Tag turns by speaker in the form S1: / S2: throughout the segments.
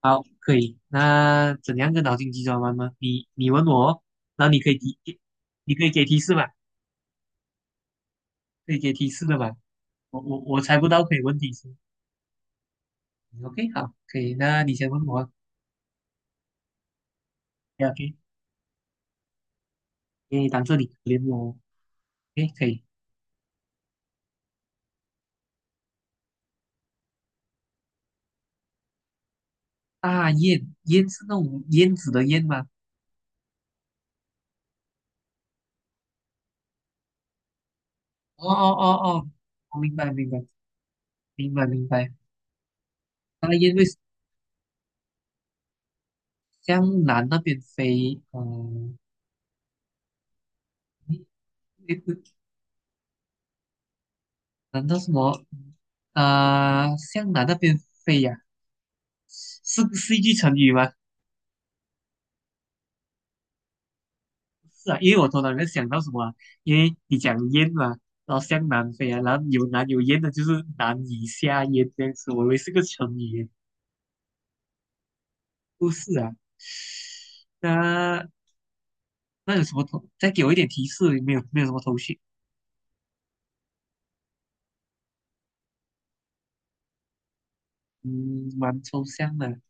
S1: 好，可以。那怎样个脑筋急转弯吗？你问我哦，然后你可以提，你可以给提示吧？可以给提示的吧？我猜不到，可以问提示。OK，好，可以。那你先问我啊。 OK，因为当这里可怜我。OK，可以。大雁，雁是那种燕子的燕吗？哦哦哦哦，我明白明白，明白明白。大雁为向南那边飞？嗯、你你难道什么？向南那边飞呀、是一句成语吗？是啊，因为我头脑里面想到什么啊，因为你讲燕嘛，然后向南飞啊，然后有南有燕的，就是难以下咽这样子。我以为是个成语耶，不是啊。那那有什么头？再给我一点提示，没有没有什么头绪。嗯，蛮抽象的。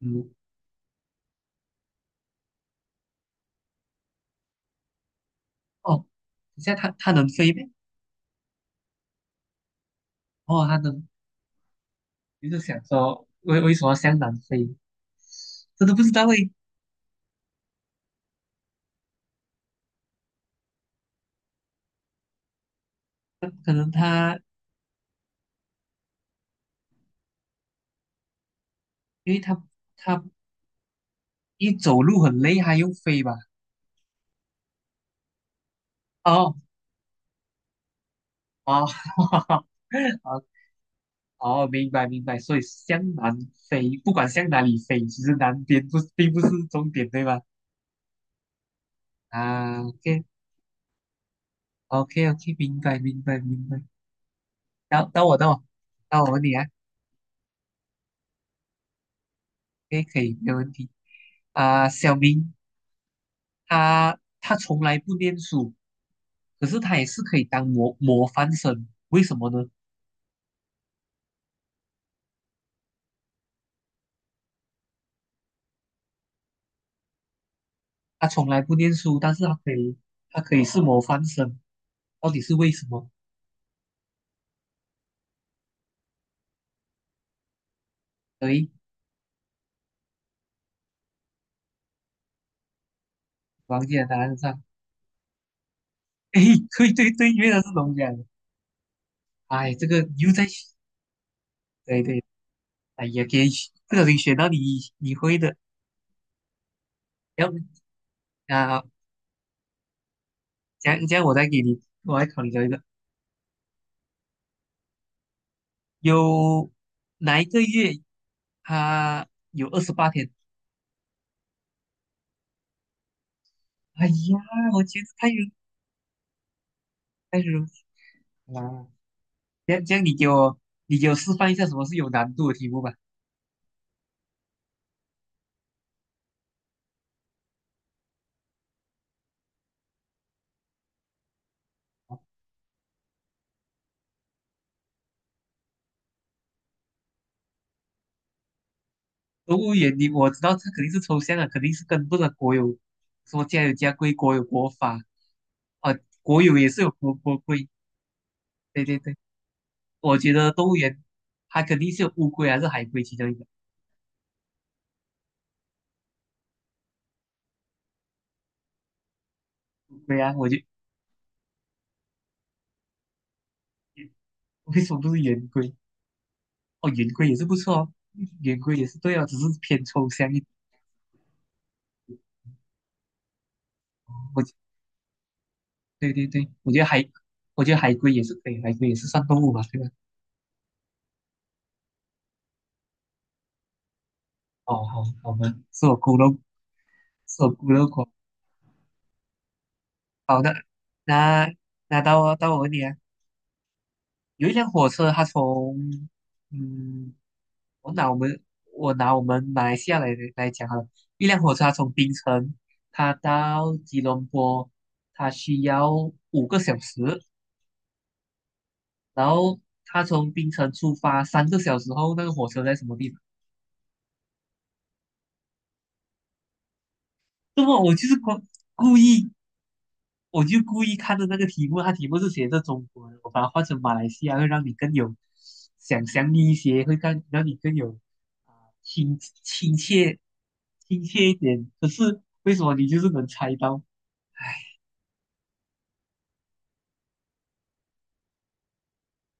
S1: 嗯，哦，等一下它能飞呗？哦，它能，就是想说为什么向南飞？真的不知道诶。可能它因为它一走路很累，还用飞吧？哦哦，哦哦，明白明白，所以向南飞，不管向哪里飞，其实南边不并不是终点，对吧？啊，OK OK OK，明白明白明白。到到我到我到我问你啊，OK 可以，没有问题啊。小明他从来不念书，可是他也是可以当模范生，为什么呢？他从来不念书，但是他可以是模范生，到底是为什么？对，王姐的答案是， 哎，对对对，原来是龙虾。哎，这个又在学，对对，哎呀，给不小心学到你会的。要不啊，这样这样，我再给你，我来考你这一个。有哪一个月它有28天？哎呀，我觉得太容易了。这样这样，你给我示范一下什么是有难度的题目吧。动物园你我知道这肯定是抽象的，肯定是跟不上国有，什么家有家规，国有国法啊，国有也是有国规。对对对。我觉得动物园它肯定是有乌龟还是海龟其中一个。乌龟啊，我就为什么不是圆龟？哦，圆龟也是不错哦，圆龟也是对哦，只是偏抽象一点。哦，我对对对，我觉得海，我觉得海龟也是可以，海龟也是算动物吧，对吧？哦，好，好吧，是我孤陋，是我孤陋寡。好的，那那到我问你啊。有一辆火车，它从嗯，我拿我们我拿我们马来西亚来讲哈，一辆火车它从槟城，它到吉隆坡，它需要5个小时，然后它从槟城出发3个小时后，那个火车在什么地方？那么我就是故故意我就故意看着那个题目，它题目是写着中国的，我把它换成马来西亚，会让你更有想象力一些，会更让你更有啊、亲亲切亲切一点。可是为什么你就是能猜到？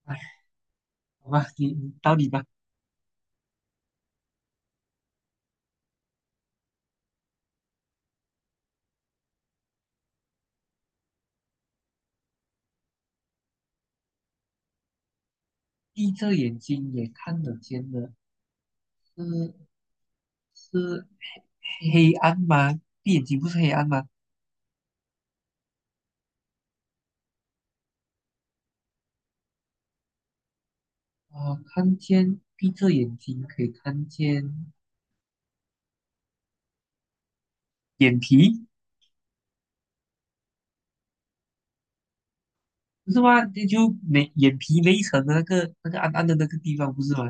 S1: 哎，好吧，你到你吧。闭着眼睛也看得见的，是是黑暗吗？闭眼睛不是黑暗吗？啊、看见闭着眼睛可以看见眼皮。不是吗？那就没眼皮那一层的那个暗暗的那个地方，不是吗？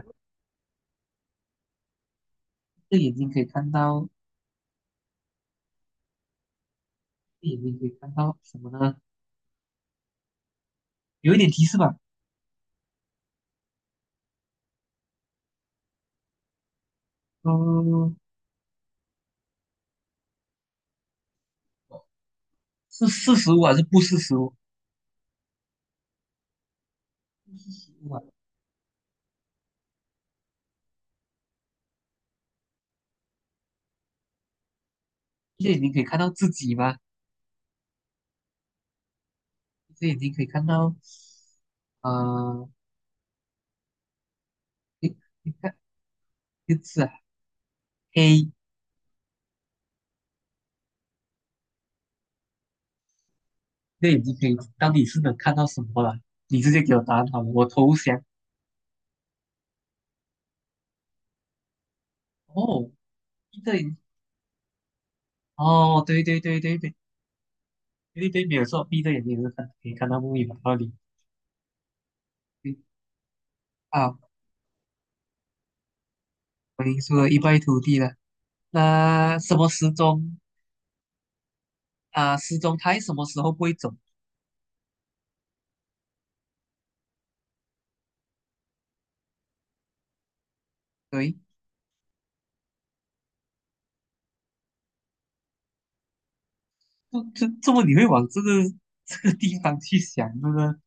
S1: 这眼睛可以看到，这眼睛可以看到什么呢？有一点提示吧？嗯，是四十五还是不四十五？哇，这眼睛可以看到自己吗？这眼睛可以看到，呃，你你看，就是啊黑，这眼睛可以到底是能看到什么了？你直接给我答案好了，我投降。哦，闭着眼睛，哦，对对对对对对对，没有错，闭着眼睛也是可以看到木马道理。啊，我已经输得一败涂地了。那什么时钟啊？时钟它什么时候不会走？对，不，这么你会往这个地方去想，这个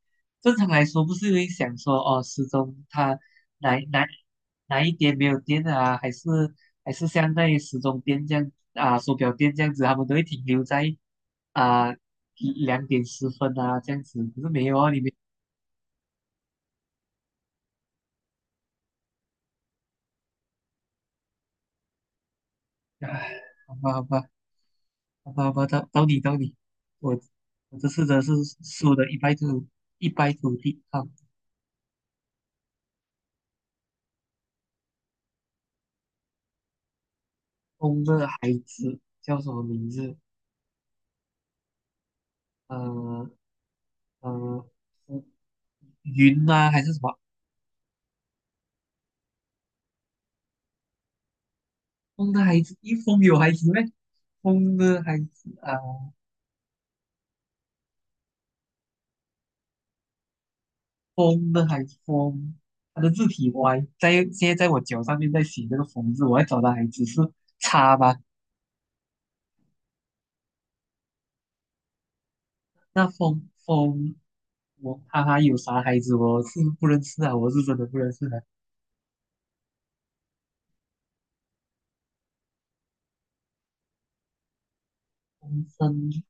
S1: 正常来说不是会想说哦，时钟它哪哪哪一点没有电啊？还是像那些时钟店这样啊，手表店这样子，他们都会停留在啊2:10啊这样子，可是没有啊，里面。唉，好吧好吧。好吧，好吧，到你，我我这次真的是输的一败涂地啊！风的孩子叫什么名字？呃呃，风云吗、还是什么？风的孩子，一风有孩子咩？风的孩子啊，风的孩子，风，他的字体歪，在现在在我脚上面在写这个风字，我要找的孩子是叉吧？那风，我哈哈有啥孩子我是不认识啊，我是真的不认识的、风筝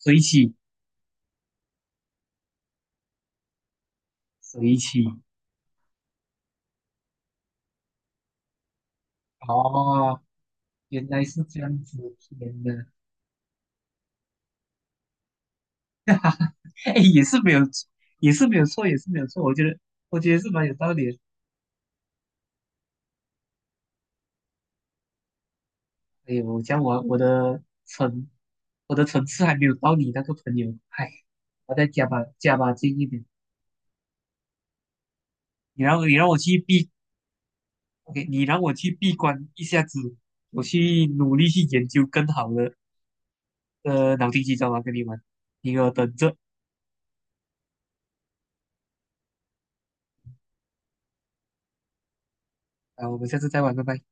S1: 水起，水起，哦，原来是这样子，天呐，哎，也是没有，也是没有错，也是没有错，我觉得，我觉得是蛮有道理的。哎呦，我的层，我的层次还没有到你那个朋友，哎，我再加把劲一点，你让我去闭，OK，你让我去闭关一下子，我去努力去研究更好的脑筋急转弯跟你玩，你给我等着啊，我们下次再玩，拜拜。